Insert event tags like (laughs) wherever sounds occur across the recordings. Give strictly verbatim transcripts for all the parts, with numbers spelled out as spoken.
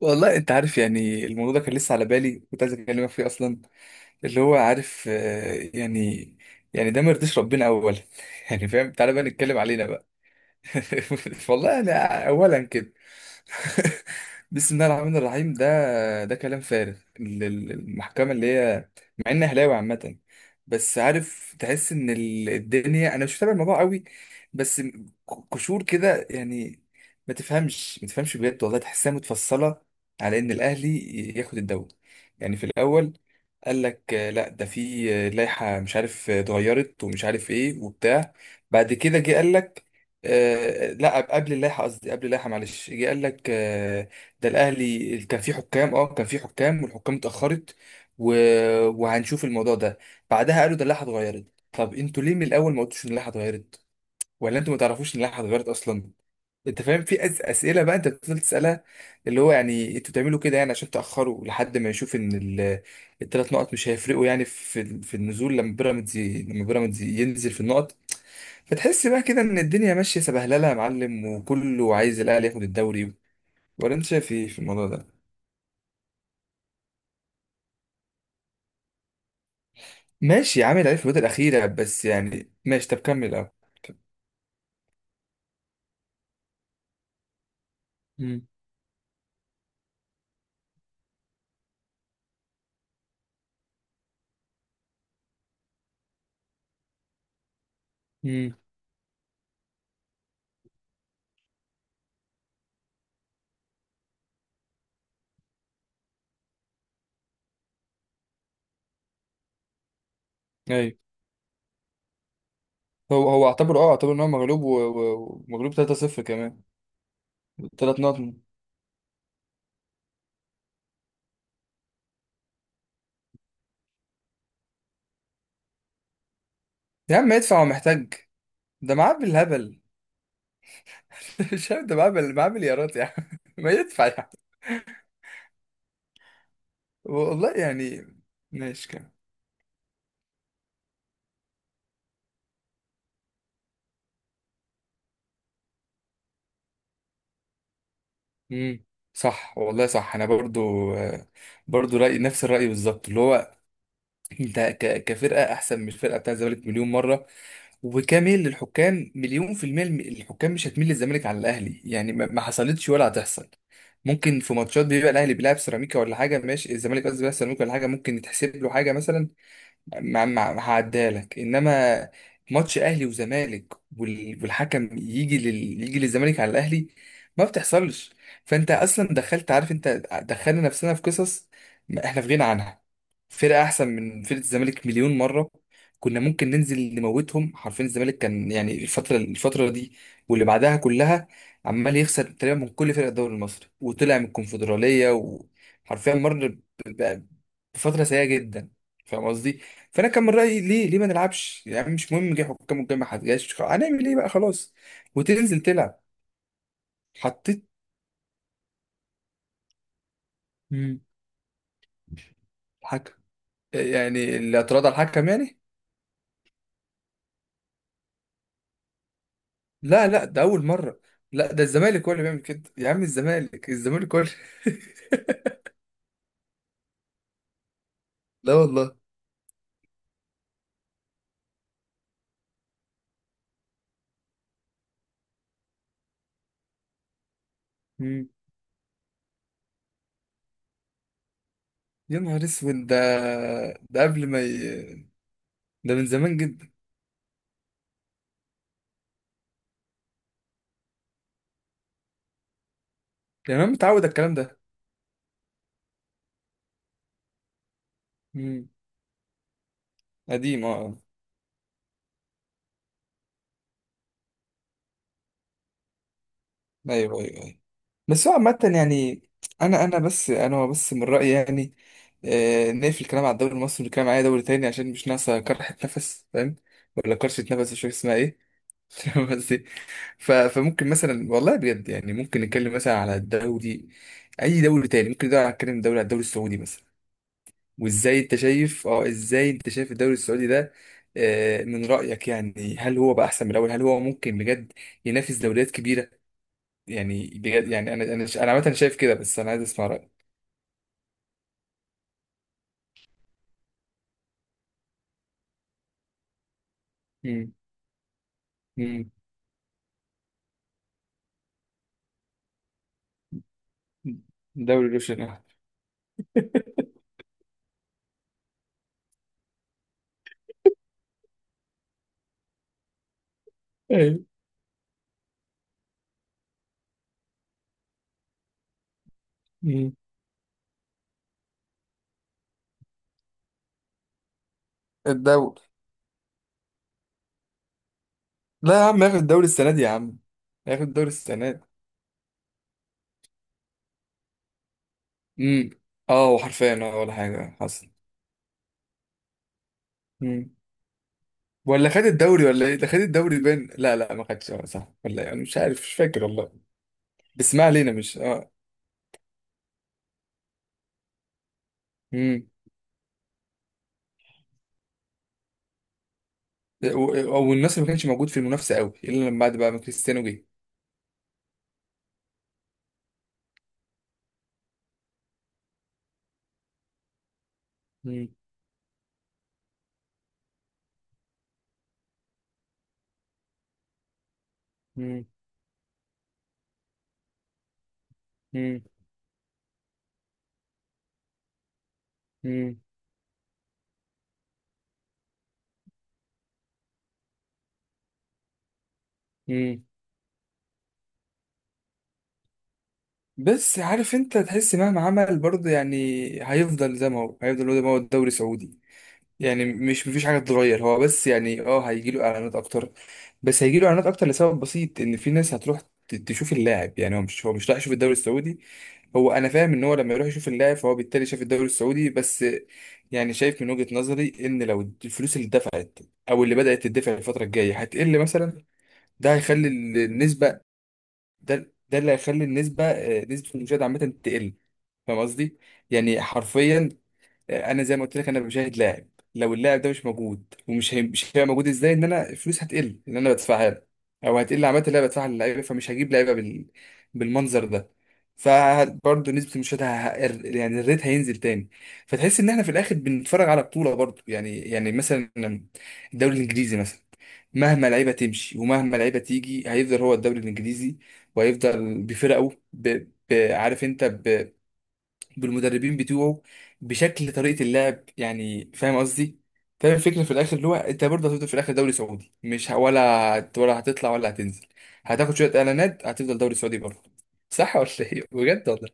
والله انت عارف، يعني الموضوع ده كان لسه على بالي، كنت عايز اكلمك فيه اصلا. اللي هو عارف آه، يعني يعني ده ما يرضيش ربنا اولا. (laughs) يعني فاهم، تعالى بقى نتكلم علينا بقى. (laughs) والله انا اولا كده. (laughs) بسم الله الرحمن الرحيم. ده ده كلام فارغ. ال- ال- المحكمة اللي هي، مع اني اهلاوي عامة، بس عارف تحس ان ال- الدنيا، انا مش متابع الموضوع قوي، بس م- ك- قشور كده يعني. ما تفهمش ما تفهمش بجد والله، تحسها متفصلة على ان الاهلي ي- ياخد الدوري. يعني في الاول قال لك آه، لا ده في آه، لائحة مش عارف آه، اتغيرت ومش عارف ايه وبتاع. بعد كده جه قال لك آه، لا قبل اللائحه، قصدي قبل اللائحه، معلش. جه قال لك آه، ده الاهلي كان فيه حكام، اه كان فيه حكام، والحكام اتاخرت و... وهنشوف الموضوع ده. بعدها قالوا ده اللائحه اتغيرت. طب انتوا ليه من الاول ما قلتوش ان اللائحه اتغيرت؟ ولا انتوا ما تعرفوش ان اللائحه اتغيرت اصلا؟ انت فاهم، في أس... اسئله بقى انت بتفضل تسالها، اللي هو يعني انتوا بتعملوا كده يعني عشان تاخروا لحد ما يشوف ان ال... الثلاث نقط مش هيفرقوا يعني في في النزول، لما بيراميدز ي- لما بيراميدز ينزل في النقط. فتحس بقى كده ان الدنيا ماشيه سبهلله يا معلم، وكله عايز الاهلي ياخد الدوري. ولا انت شايف ايه في الموضوع ده؟ ماشي، عامل عليه في الفتره الاخيره، بس يعني ماشي، طب كمل الاول. امم. امم. ايوه. هو هو اعتبر، اه اعتبر ان هو مغلوب و- و- ومغلوب ثلاثة صفر كمان. ثلاث نقط من- يا عم يدفع ومحتاج. ده معاه بالهبل. (laughs) مش عارف ده معاه بال- معاه مليارات يا عم. (laughs) ما يدفع يا عم. والله يعني. ماشي كمان. امم. صح والله صح، انا برضو آه، برضو رأي نفس الرأي بالظبط، اللي هو انت ك- كفرقه احسن من الفرقه بتاع الزمالك مليون مره، وكميل للحكام مليون في المية. الم- الحكام مش هتميل للزمالك على الاهلي يعني، ما ما حصلتش ولا هتحصل. ممكن في ماتشات بيبقى الاهلي بيلعب سيراميكا ولا حاجه، ماشي الزمالك، قصدي بيلعب سيراميكا ولا حاجه، ممكن يتحسب له حاجه مثلا، ما ما هعديهالك. انما ماتش اهلي وزمالك، وال- والحكم يجي لل... يجي للزمالك على الاهلي، ما بتحصلش. فانت اصلا دخلت، عارف انت، دخلنا نفسنا في قصص ما احنا في غنى عنها. فرقه احسن من فرقه الزمالك مليون مره، كنا ممكن ننزل نموتهم حرفيا. الزمالك كان يعني الفتره الفتره دي واللي بعدها كلها عمال يخسر تقريبا من كل فرق الدوري المصري، وطلع من الكونفدراليه، وحرفيا مر ب- ب- بفتره سيئه جدا، فاهم قصدي. فانا كان من رايي، ليه ليه ما نلعبش يعني؟ مش مهم جه حكام والجاي، ما حد، خلاص هنعمل ايه بقى، خلاص، وتنزل تلعب. حطيت. مم. الحكم، يعني الاعتراض على الحكم يعني. لا لا ده اول مره. لا ده الزمالك هو اللي بيعمل كده يا عم. الزمالك، الزمالك هو اللي. (laughs) لا والله. مم. يا نهار اسود ده. ده قبل ما ي... ده من زمان جدا. يعني انا متعود على الكلام ده. مم. قديم اه. ايوه ايوه ايوه. بس هو عامة يعني، انا انا بس انا بس من رأيي يعني، آه نقفل الكلام على الدوري المصري ونتكلم على اي دوري تاني، عشان مش ناقصة كرحة نفس، فاهم؟ ولا كرشة نفس، مش فاكر اسمها ايه. (laughs) فاهم قصدي. ف- فممكن مثلا والله بجد، يعني ممكن نتكلم مثلا على الدوري، اي دوري تاني ممكن، ده نتكلم دوري على الدوري السعودي مثلا. وازاي انت شايف، اه ازاي انت شايف الدوري السعودي ده؟ آه من رأيك يعني، هل هو بقى احسن من الاول؟ هل هو ممكن بجد ينافس دوريات كبيرة؟ يعني بجد يعني، انا انا انا عامه شايف كده، بس انا عايز اسمع رايك. امم. امم. دوري روشن أهو. ايه. امم. الدوري. لا يا عم ياخد الدوري السنه دي يا عم. ياخد الدوري السنه دي. امم. اه وحرفيا اه ولا حاجه حصل. امم. ولا خد الدوري ولا ايه؟ ده خد الدوري بين، لا لا ما خدش، اه صح ولا إيه؟ انا مش عارف مش فاكر والله. بس ما علينا، مش اه. امم. او الناس ما كانش موجود في المنافسه قوي الا لما بعد بقى ما كريستيانو جه. امم. امم. امم. بس عارف، انت تحس مهما عمل برضه يعني هيفضل زي ما هو. هيفضل هو زي ما هو الدوري السعودي. يعني مش، مفيش حاجه تتغير. هو بس يعني اه هيجي له اعلانات اكتر. بس هيجي له اعلانات اكتر لسبب بسيط، ان في ناس هتروح ت- تشوف اللاعب. يعني هو مش، هو مش رايح يشوف الدوري السعودي، هو، انا فاهم ان هو لما يروح يشوف اللاعب فهو بالتالي شاف الدوري السعودي بس. يعني شايف من وجهه نظري، ان لو الفلوس اللي اتدفعت، او اللي بدات تدفع الفتره الجايه هتقل مثلا، ده هيخلي النسبه، ده ده اللي هيخلي النسبه آه، نسبه المشاهد عامه تقل، فاهم قصدي. يعني حرفيا آه، انا زي ما قلت لك، انا بشاهد لاعب. لو اللاعب ده مش موجود ومش هي... مش هيبقى موجود، ازاي ان انا فلوس هتقل ان انا بدفعها له، او هتقل عامه اللي انا بدفعها للعيبه، فمش هجيب لعيبه بال... بالمنظر ده. فبرضه نسبه المشاهده ه... ه- يعني الريت هينزل تاني. فتحس ان احنا في الاخر بنتفرج على بطوله برضه، يعني يعني مثلا الدوري الانجليزي مثلا، مهما لعيبه تمشي ومهما لعيبه تيجي هيفضل هو الدوري الانجليزي، وهيفضل بفرقه ب... ب... عارف انت ب... بالمدربين بتوعه، بشكل طريقه اللعب يعني، فاهم قصدي. فاهم الفكره في الاخر، اللي هو انت برضه هتفضل في الاخر دوري سعودي، مش ه... ولا هت- ولا هتطلع ولا هتنزل، هتاخد شويه اعلانات، هتفضل دوري سعودي برضه. صح ولا ايه بجد والله؟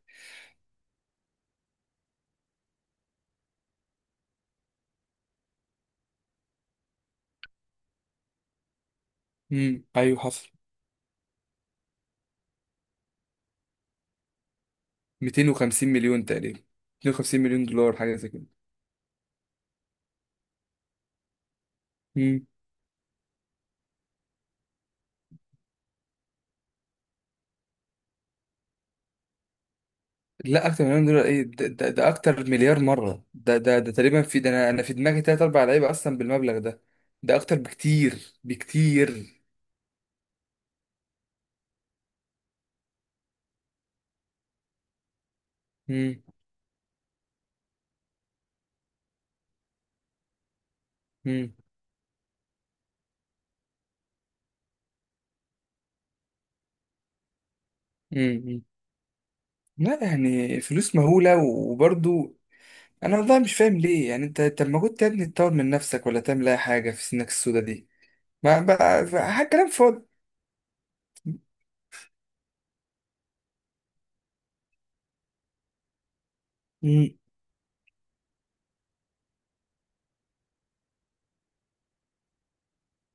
امم. ايوه حصل. مئتين وخمسين مليون تقريبا. مئتين وخمسين مليون دولار حاجه زي كده. لا اكتر من مليون دولار، ايه ده, ده, ده اكتر مليار مره. ده ده ده تقريبا في ده، انا انا في دماغي تلات اربع لعيبه اصلا بالمبلغ ده. ده اكتر بكتير بكتير. مم. مم. مم. لا يعني فلوس مهوله وبرضو انا والله مش فاهم ليه يعني. انت طب ما كنت يا ابني تطور من نفسك ولا تعمل اي حاجه في سنك السودا دي؟ ما بقى حاجه، كلام فاضي. مم.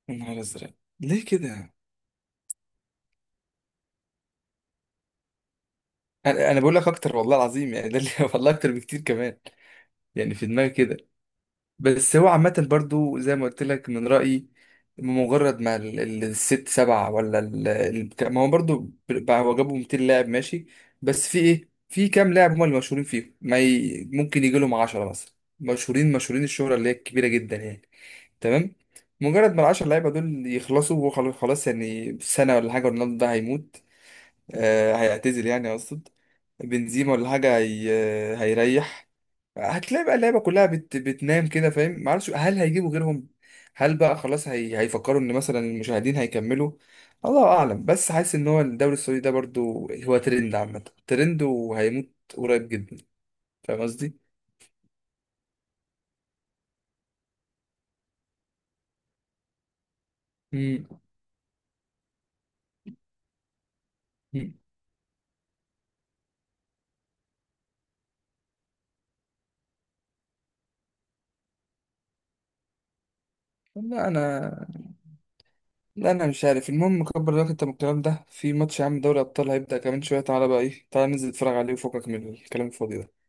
يا نهار ازرق. ليه كده؟ انا أنا بقول لك اكتر والله العظيم يعني، ده اللي (laughs) والله اكتر بكتير كمان. يعني في دماغي كده. بس هو عامة برضو زي ما قلت لك من رأيي، مجرد ما ال- ال- الست سبعة ولا ال... ال- ك- ما هو برضو بقى، هو جابوا مئتين لاعب، ماشي. بس في ايه، في كام لاعب هم اللي مشهورين فيهم، ما ي... ممكن يجي لهم عشرة مثلا مشهورين، مشهورين الشهرة اللي هي كبيرة جدا يعني. تمام. مجرد ما العشر لعيبة دول يخلصوا وخلاص، خلاص يعني سنة ولا حاجة، رونالدو ده هيموت آه، هيعتزل يعني اقصد. بنزيما ولا حاجه هي... هيريح. هتلاقي بقى اللعيبه كلها بت... بتنام كده. فاهم معرفش، هل هيجيبوا غيرهم؟ هل بقى خلاص هي... هيفكروا ان مثلا المشاهدين هيكملوا؟ الله اعلم. بس حاسس ان هو الدوري السعودي ده برضو هو ترند، عامه ترند وهيموت قريب جدا، فاهم قصدي. مم. مم. لا انا لا انا مش عارف. المهم كبر دماغك انت من الكلام ده. في ماتش يا عم، دوري ابطال هيبدأ كمان شويه، تعالى بقى، ايه تعالى ننزل نتفرج عليه وفكك من الكلام الفاضي ده.